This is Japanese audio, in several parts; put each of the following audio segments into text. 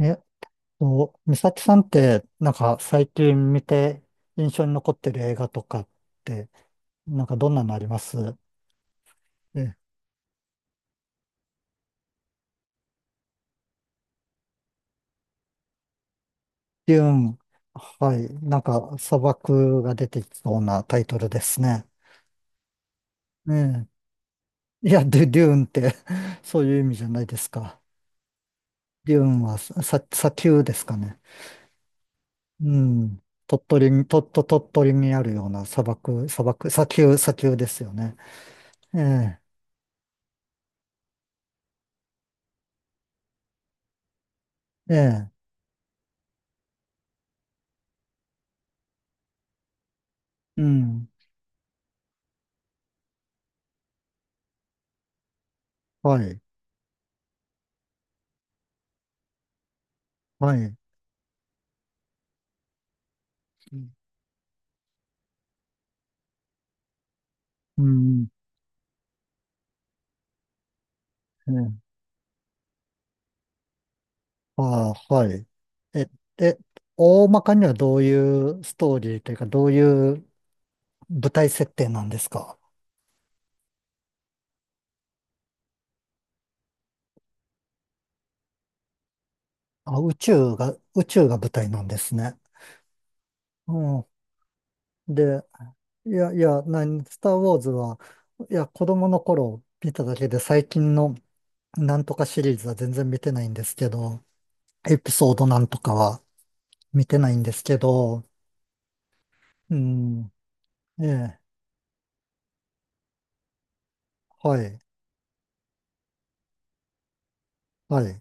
えっ美咲さんって、なんか最近見て印象に残ってる映画とかって、なんかどんなのあります？え、デューン、はい、なんか砂漠が出てきそうなタイトルですね。ねえ、いや、デューンって そういう意味じゃないですか。デューンは砂丘ですかね。うん。鳥取に、鳥取にあるような砂丘ですよね。ええ、ええ、うん。はい、はい。うん。え、ああ、はい。え、で、大まかにはどういうストーリーというか、どういう舞台設定なんですか？あ、宇宙が、宇宙が舞台なんですね。うん。で、いや、いや、何、スター・ウォーズは、いや、子供の頃見ただけで、最近のなんとかシリーズは全然見てないんですけど、エピソードなんとかは見てないんですけど、うん。ええ、はい、はい、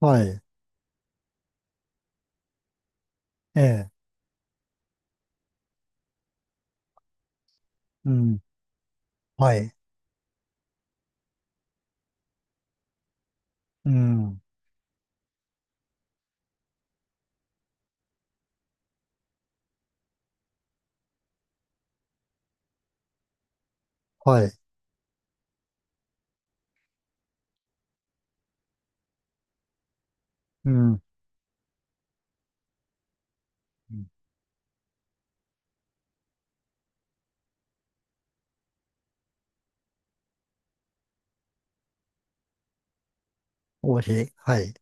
はい、ええ、うん、はい。うん。はい。うん。うん。王妃。はい。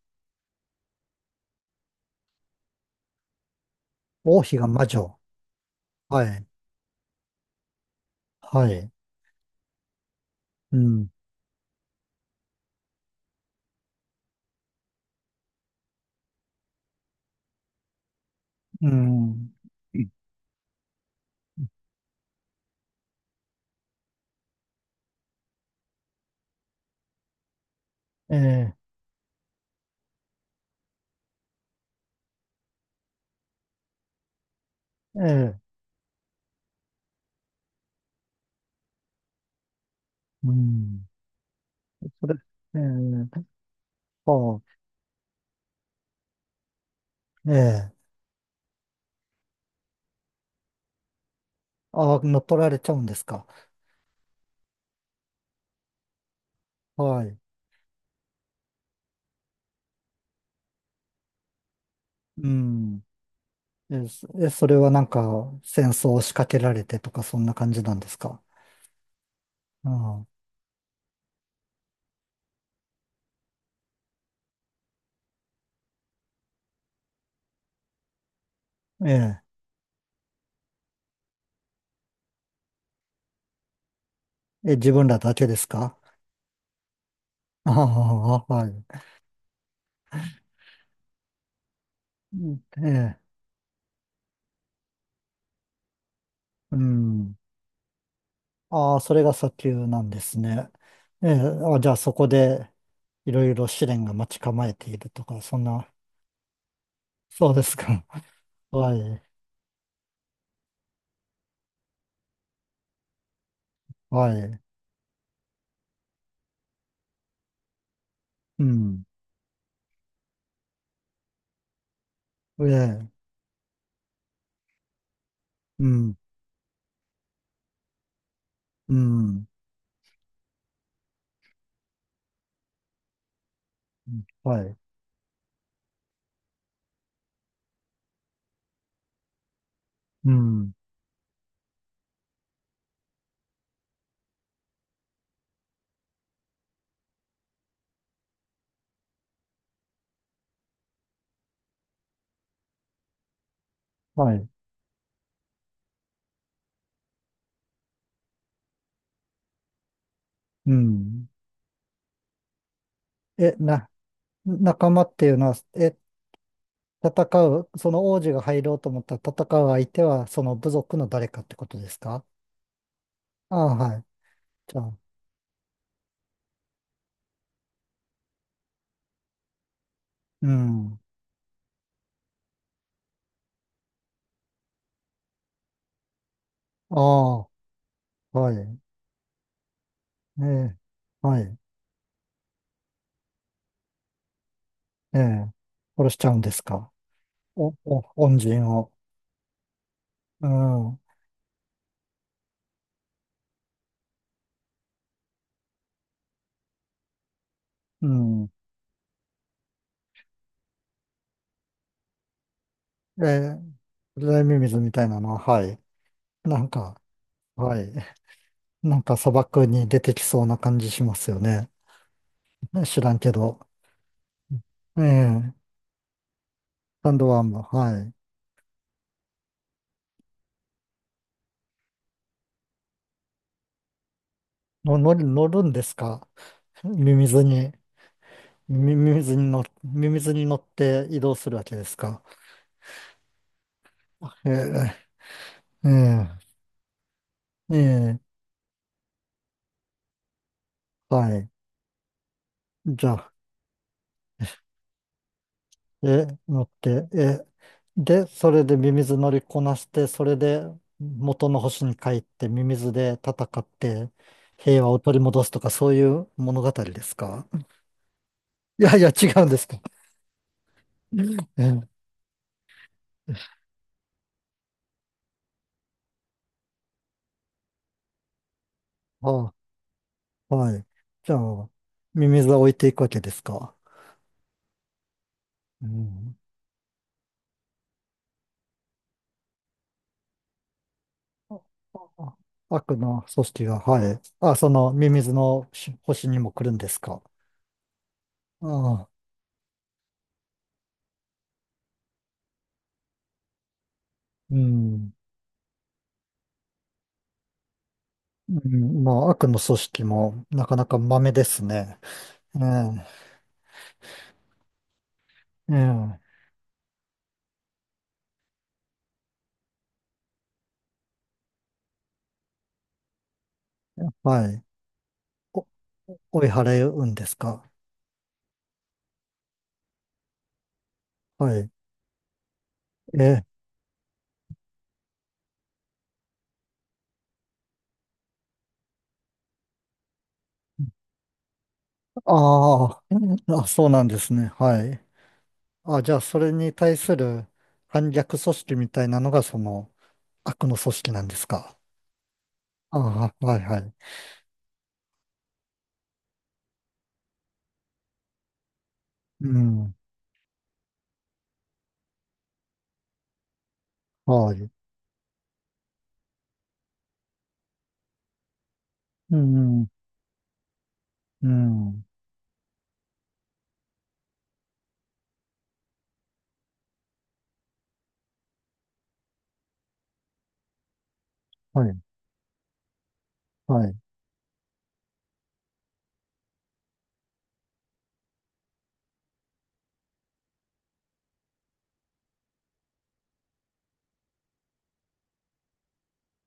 王妃が魔女。はい。はい。うん。うん。うん、ええ、ええ、うん。それ、ええ、ああ、ええ、ああ、乗っ取られちゃうんですか。はい。うん。え、そえ、それはなんか戦争を仕掛けられてとかそんな感じなんですか。ああ、ええ、え、自分らだけですか。ああ、はい。うん、ええ、うん。ああ、それが砂丘なんですね。ええ、あ、じゃあそこでいろいろ試練が待ち構えているとか、そんな、そうですか。はい、はい、うん、ええ、うん、うん、はい、うん、はい、うん。え、な、仲間っていうのは、え、戦う、その王子が入ろうと思ったら戦う相手は、その部族の誰かってことですか？ああ、はい。じゃあ、うん、ああ、はい、ええ、はい。ええ、殺しちゃうんですか。お、お、恩人を。うん、うん。ええ、冷ミミズみたいなのは、はい。なんか、はい。なんか砂漠に出てきそうな感じしますよね。ね、知らんけど。ええ、サンドワーム、はい。の、乗る、乗るんですか？ミミズに、ミミズに乗って移動するわけですか。ええ、ええ、ええ、はい。じゃあ、え、乗って、え、で、それでミミズ乗りこなして、それで元の星に帰ってミミズで戦って平和を取り戻すとかそういう物語ですか？いやいや、違うんですか。うん、ええ、あ、はい。じゃあ、ミミズは置いていくわけですか。うん。ああ、悪の組織が、はい。あ、そのミミズのし星にも来るんですか。ああ、うん。うん、まあ、悪の組織もなかなか豆ですね。ええ、ええ、はい。お、追い払うんですか？はい。えー、ああ、あ、そうなんですね。はい。あ、じゃあ、それに対する反逆組織みたいなのが、その、悪の組織なんですか？ああ、はい、はい。うん、はい。うん、うん、はい、はい、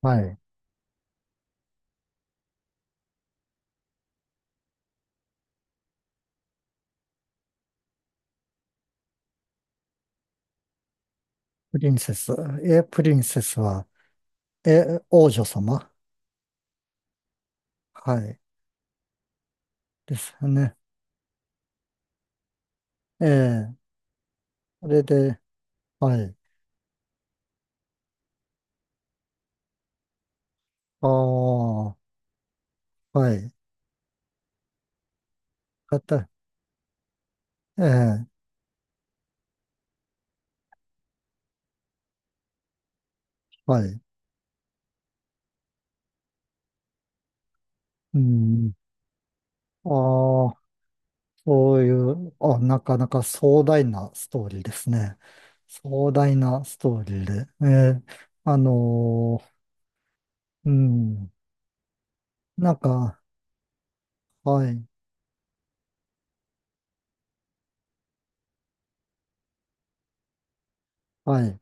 はい。プリンセス。え、プリンセスは、え、王女様。はい。ですよね。ええ、それで、はい。ああ、はい。ええ、はい。うん。ああ、そういう、あ、なかなか壮大なストーリーですね。壮大なストーリーで。ええ、あのー、うん。なんか、はい、はい。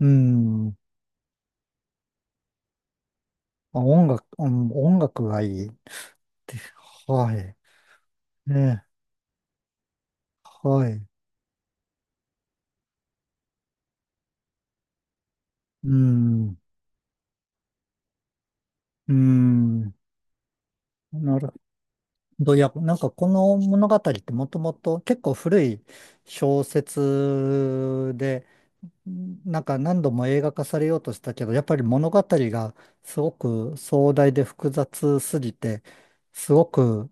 うん。まあ、音楽、うん、音楽がいいって。はい。ね、はい。うん。うん。なるほど。いや、なんかこの物語ってもともと結構古い小説で、なんか何度も映画化されようとしたけど、やっぱり物語がすごく壮大で複雑すぎて、すごく、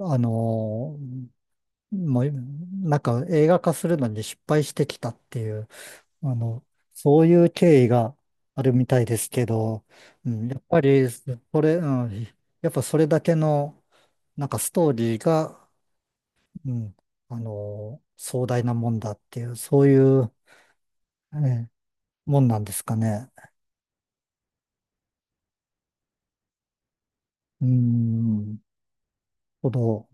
あのー、もう、なんか映画化するのに失敗してきたっていう、あの、そういう経緯があるみたいですけど、うん、やっぱり、それ、うん、やっぱそれだけの、なんかストーリーが、うん、あのー壮大なもんだっていう、そういう、えー、もんなんですかね。うーん、ほど。